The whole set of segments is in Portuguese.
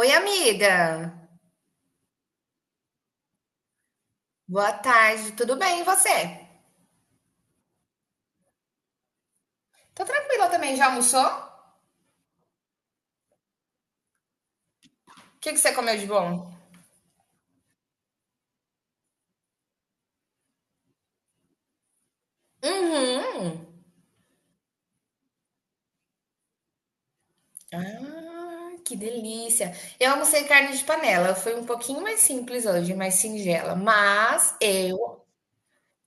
Oi, amiga. Boa tarde. Tudo bem, e você? Tô tranquila também. Já almoçou? O que que você comeu de bom? Uhum. Ah, que delícia. Eu almocei carne de panela. Foi um pouquinho mais simples hoje, mais singela. Mas eu,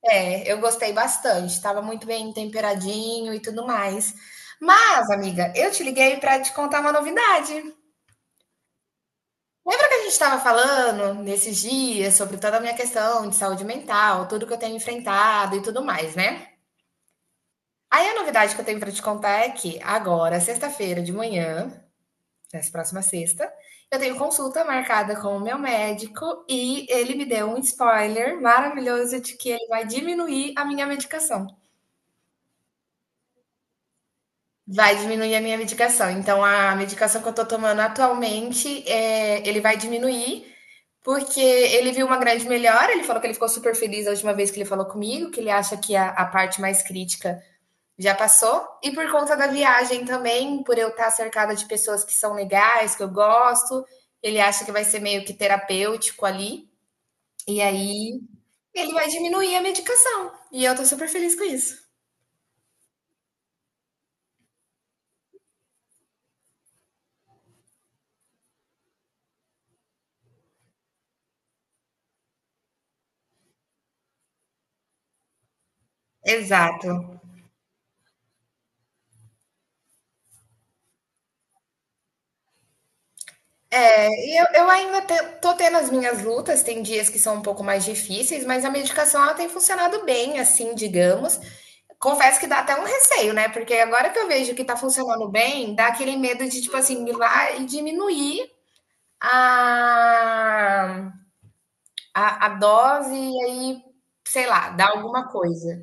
é, eu gostei bastante. Tava muito bem temperadinho e tudo mais. Mas, amiga, eu te liguei pra te contar uma novidade. Lembra que a gente estava falando nesses dias sobre toda a minha questão de saúde mental, tudo que eu tenho enfrentado e tudo mais, né? Aí a novidade que eu tenho para te contar é que agora, sexta-feira de manhã, nessa próxima sexta, eu tenho consulta marcada com o meu médico e ele me deu um spoiler maravilhoso de que ele vai diminuir a minha medicação. Vai diminuir a minha medicação. Então, a medicação que eu tô tomando atualmente, ele vai diminuir, porque ele viu uma grande melhora. Ele falou que ele ficou super feliz a última vez que ele falou comigo, que ele acha que a parte mais crítica já passou. E por conta da viagem também, por eu estar cercada de pessoas que são legais, que eu gosto, ele acha que vai ser meio que terapêutico ali. E aí, ele vai diminuir a medicação. E eu tô super feliz com isso. Exato. E eu ainda tô tendo as minhas lutas, tem dias que são um pouco mais difíceis, mas a medicação ela tem funcionado bem, assim, digamos. Confesso que dá até um receio, né? Porque agora que eu vejo que tá funcionando bem, dá aquele medo de, tipo assim, ir lá e diminuir a, a dose e aí, sei lá, dar alguma coisa.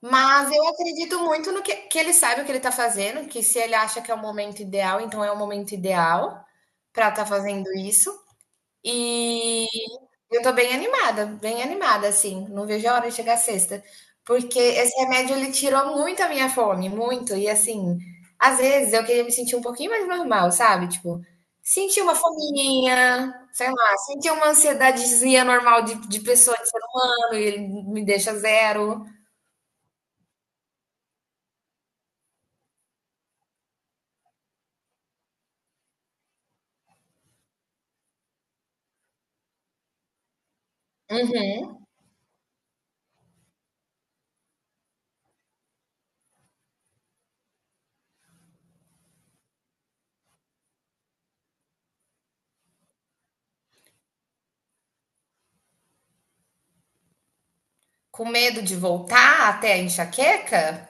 Mas eu acredito muito no que ele sabe o que ele tá fazendo, que se ele acha que é o momento ideal, então é o momento ideal para estar fazendo isso. E eu tô bem animada, assim. Não vejo a hora de chegar sexta. Porque esse remédio, ele tirou muito a minha fome, muito. E, assim, às vezes eu queria me sentir um pouquinho mais normal, sabe? Tipo, sentir uma fominha, sei lá, sentir uma ansiedadezinha normal de pessoa de ano e ele me deixa zero. Uhum. Com medo de voltar até a enxaqueca?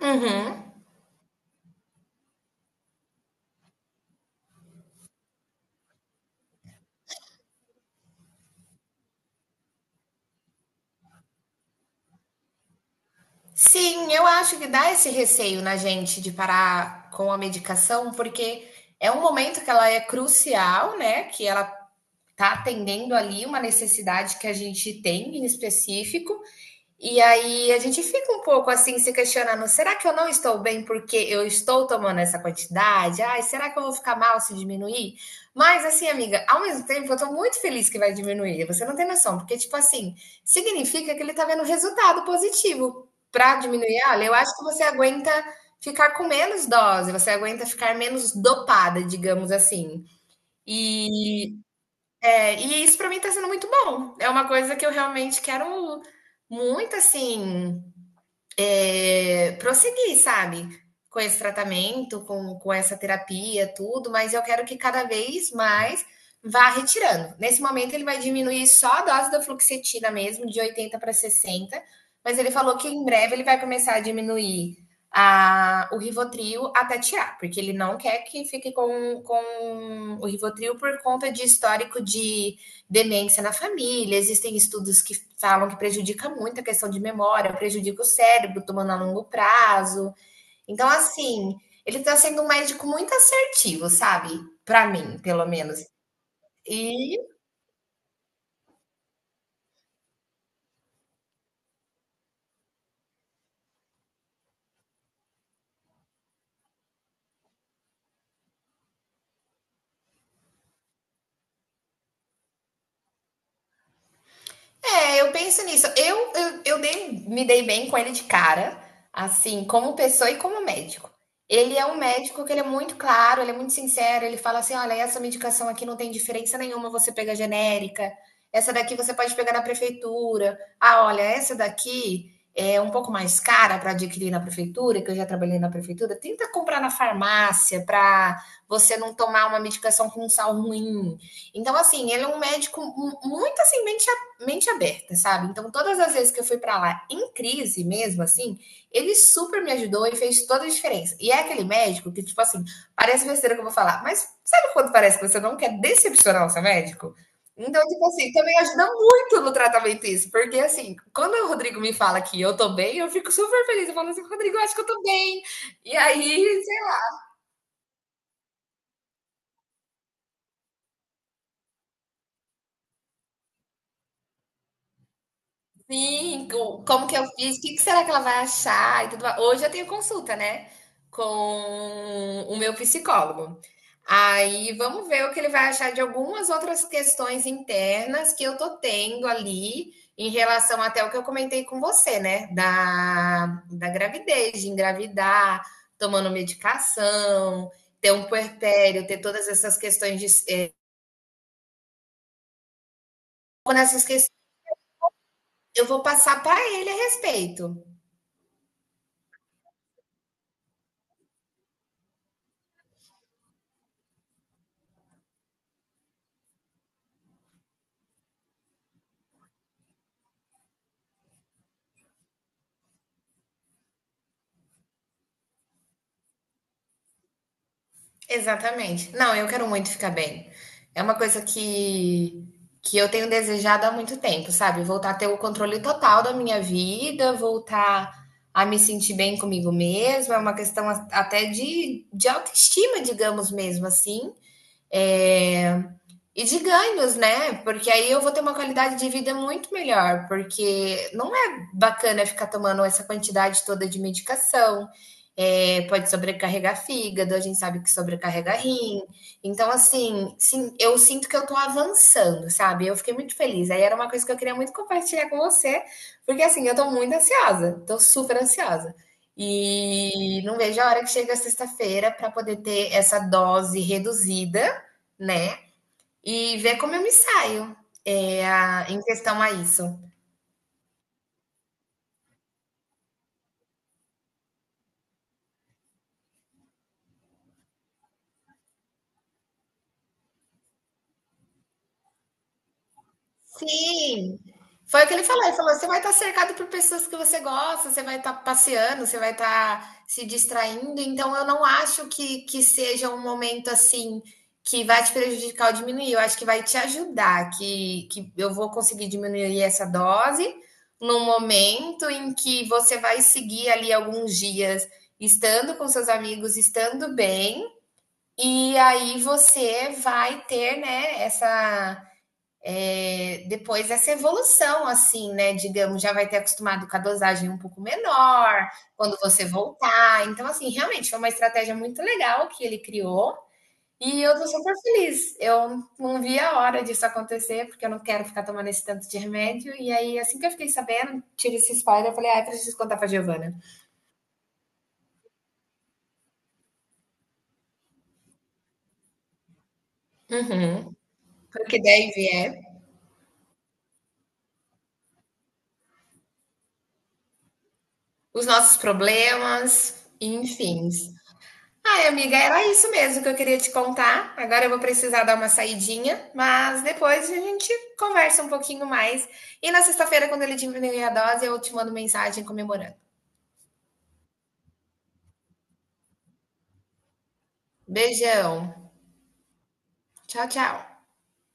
Uhum. Sim, eu acho que dá esse receio na gente de parar com a medicação, porque é um momento que ela é crucial, né? Que ela tá atendendo ali uma necessidade que a gente tem em específico, e aí a gente fica um pouco assim se questionando: será que eu não estou bem porque eu estou tomando essa quantidade? Ai, será que eu vou ficar mal se diminuir? Mas assim, amiga, ao mesmo tempo eu estou muito feliz que vai diminuir. Você não tem noção, porque tipo assim, significa que ele está vendo resultado positivo para diminuir. Olha, eu acho que você aguenta ficar com menos dose, você aguenta ficar menos dopada, digamos assim. E, e isso para mim tá sendo muito bom. É uma coisa que eu realmente quero muito assim prosseguir, sabe? Com esse tratamento, com essa terapia, tudo, mas eu quero que cada vez mais vá retirando. Nesse momento, ele vai diminuir só a dose da fluoxetina mesmo, de 80 para 60. Mas ele falou que em breve ele vai começar a diminuir o Rivotril até tirar, porque ele não quer que fique com o Rivotril por conta de histórico de demência na família, existem estudos que falam que prejudica muito a questão de memória, prejudica o cérebro, tomando a longo prazo. Então, assim, ele está sendo um médico muito assertivo, sabe? Para mim, pelo menos. E eu penso nisso. Me dei bem com ele de cara, assim, como pessoa e como médico. Ele é um médico que ele é muito claro, ele é muito sincero, ele fala assim: olha, essa medicação aqui não tem diferença nenhuma, você pega genérica, essa daqui você pode pegar na prefeitura. Ah, olha, essa daqui é um pouco mais cara para adquirir na prefeitura, que eu já trabalhei na prefeitura. Tenta comprar na farmácia para você não tomar uma medicação com sal ruim. Então, assim, ele é um médico muito assim, bem mente aberta, sabe? Então, todas as vezes que eu fui para lá em crise mesmo, assim, ele super me ajudou e fez toda a diferença. E é aquele médico que, tipo assim, parece besteira que eu vou falar, mas sabe quando parece que você não quer decepcionar o seu médico? Então, tipo assim, também ajuda muito no tratamento isso, porque assim, quando o Rodrigo me fala que eu tô bem, eu fico super feliz. Eu falo assim, Rodrigo, eu acho que eu tô bem. E aí, Sim, como que eu fiz? O que que será que ela vai achar? E tudo mais. Hoje eu tenho consulta, né? Com o meu psicólogo. Aí vamos ver o que ele vai achar de algumas outras questões internas que eu tô tendo ali em relação até o que eu comentei com você, né? Da gravidez, de engravidar, tomando medicação, ter um puerpério, ter todas essas questões de. Nessas questões, eu vou passar para ele a respeito. Exatamente. Não, eu quero muito ficar bem. É uma coisa que eu tenho desejado há muito tempo, sabe? Voltar a ter o controle total da minha vida, voltar a me sentir bem comigo mesma, é uma questão até de autoestima, digamos mesmo assim. É, e de ganhos, né? Porque aí eu vou ter uma qualidade de vida muito melhor, porque não é bacana ficar tomando essa quantidade toda de medicação, é, pode sobrecarregar fígado, a gente sabe que sobrecarrega rim. Então, assim, sim, eu sinto que eu tô avançando, sabe? Eu fiquei muito feliz. Aí era uma coisa que eu queria muito compartilhar com você, porque assim, eu tô muito ansiosa, tô super ansiosa. E não vejo a hora que chega a sexta-feira para poder ter essa dose reduzida, né? E ver como eu me saio, eh, a em questão a isso. Sim, foi o que ele falou: "Você vai estar cercado por pessoas que você gosta, você vai estar passeando, você vai estar se distraindo, então eu não acho que seja um momento, assim, que vai te prejudicar ou diminuir, eu acho que vai te ajudar, que eu vou conseguir diminuir essa dose, no momento em que você vai seguir ali alguns dias estando com seus amigos, estando bem, e aí você vai ter, né, essa depois essa evolução, assim, né? Digamos, já vai ter acostumado com a dosagem um pouco menor quando você voltar. Então, assim, realmente foi uma estratégia muito legal que ele criou. E eu tô super feliz. Eu não vi a hora disso acontecer, porque eu não quero ficar tomando esse tanto de remédio. E aí, assim que eu fiquei sabendo, tirei esse spoiler, eu falei, ah, eu preciso contar pra Giovana. Uhum. Porque daí vier os nossos problemas, enfim. Ai, amiga, era isso mesmo que eu queria te contar. Agora eu vou precisar dar uma saidinha, mas depois a gente conversa um pouquinho mais. E na sexta-feira, quando ele diminuir a dose, eu te mando mensagem comemorando. Beijão. Tchau, tchau.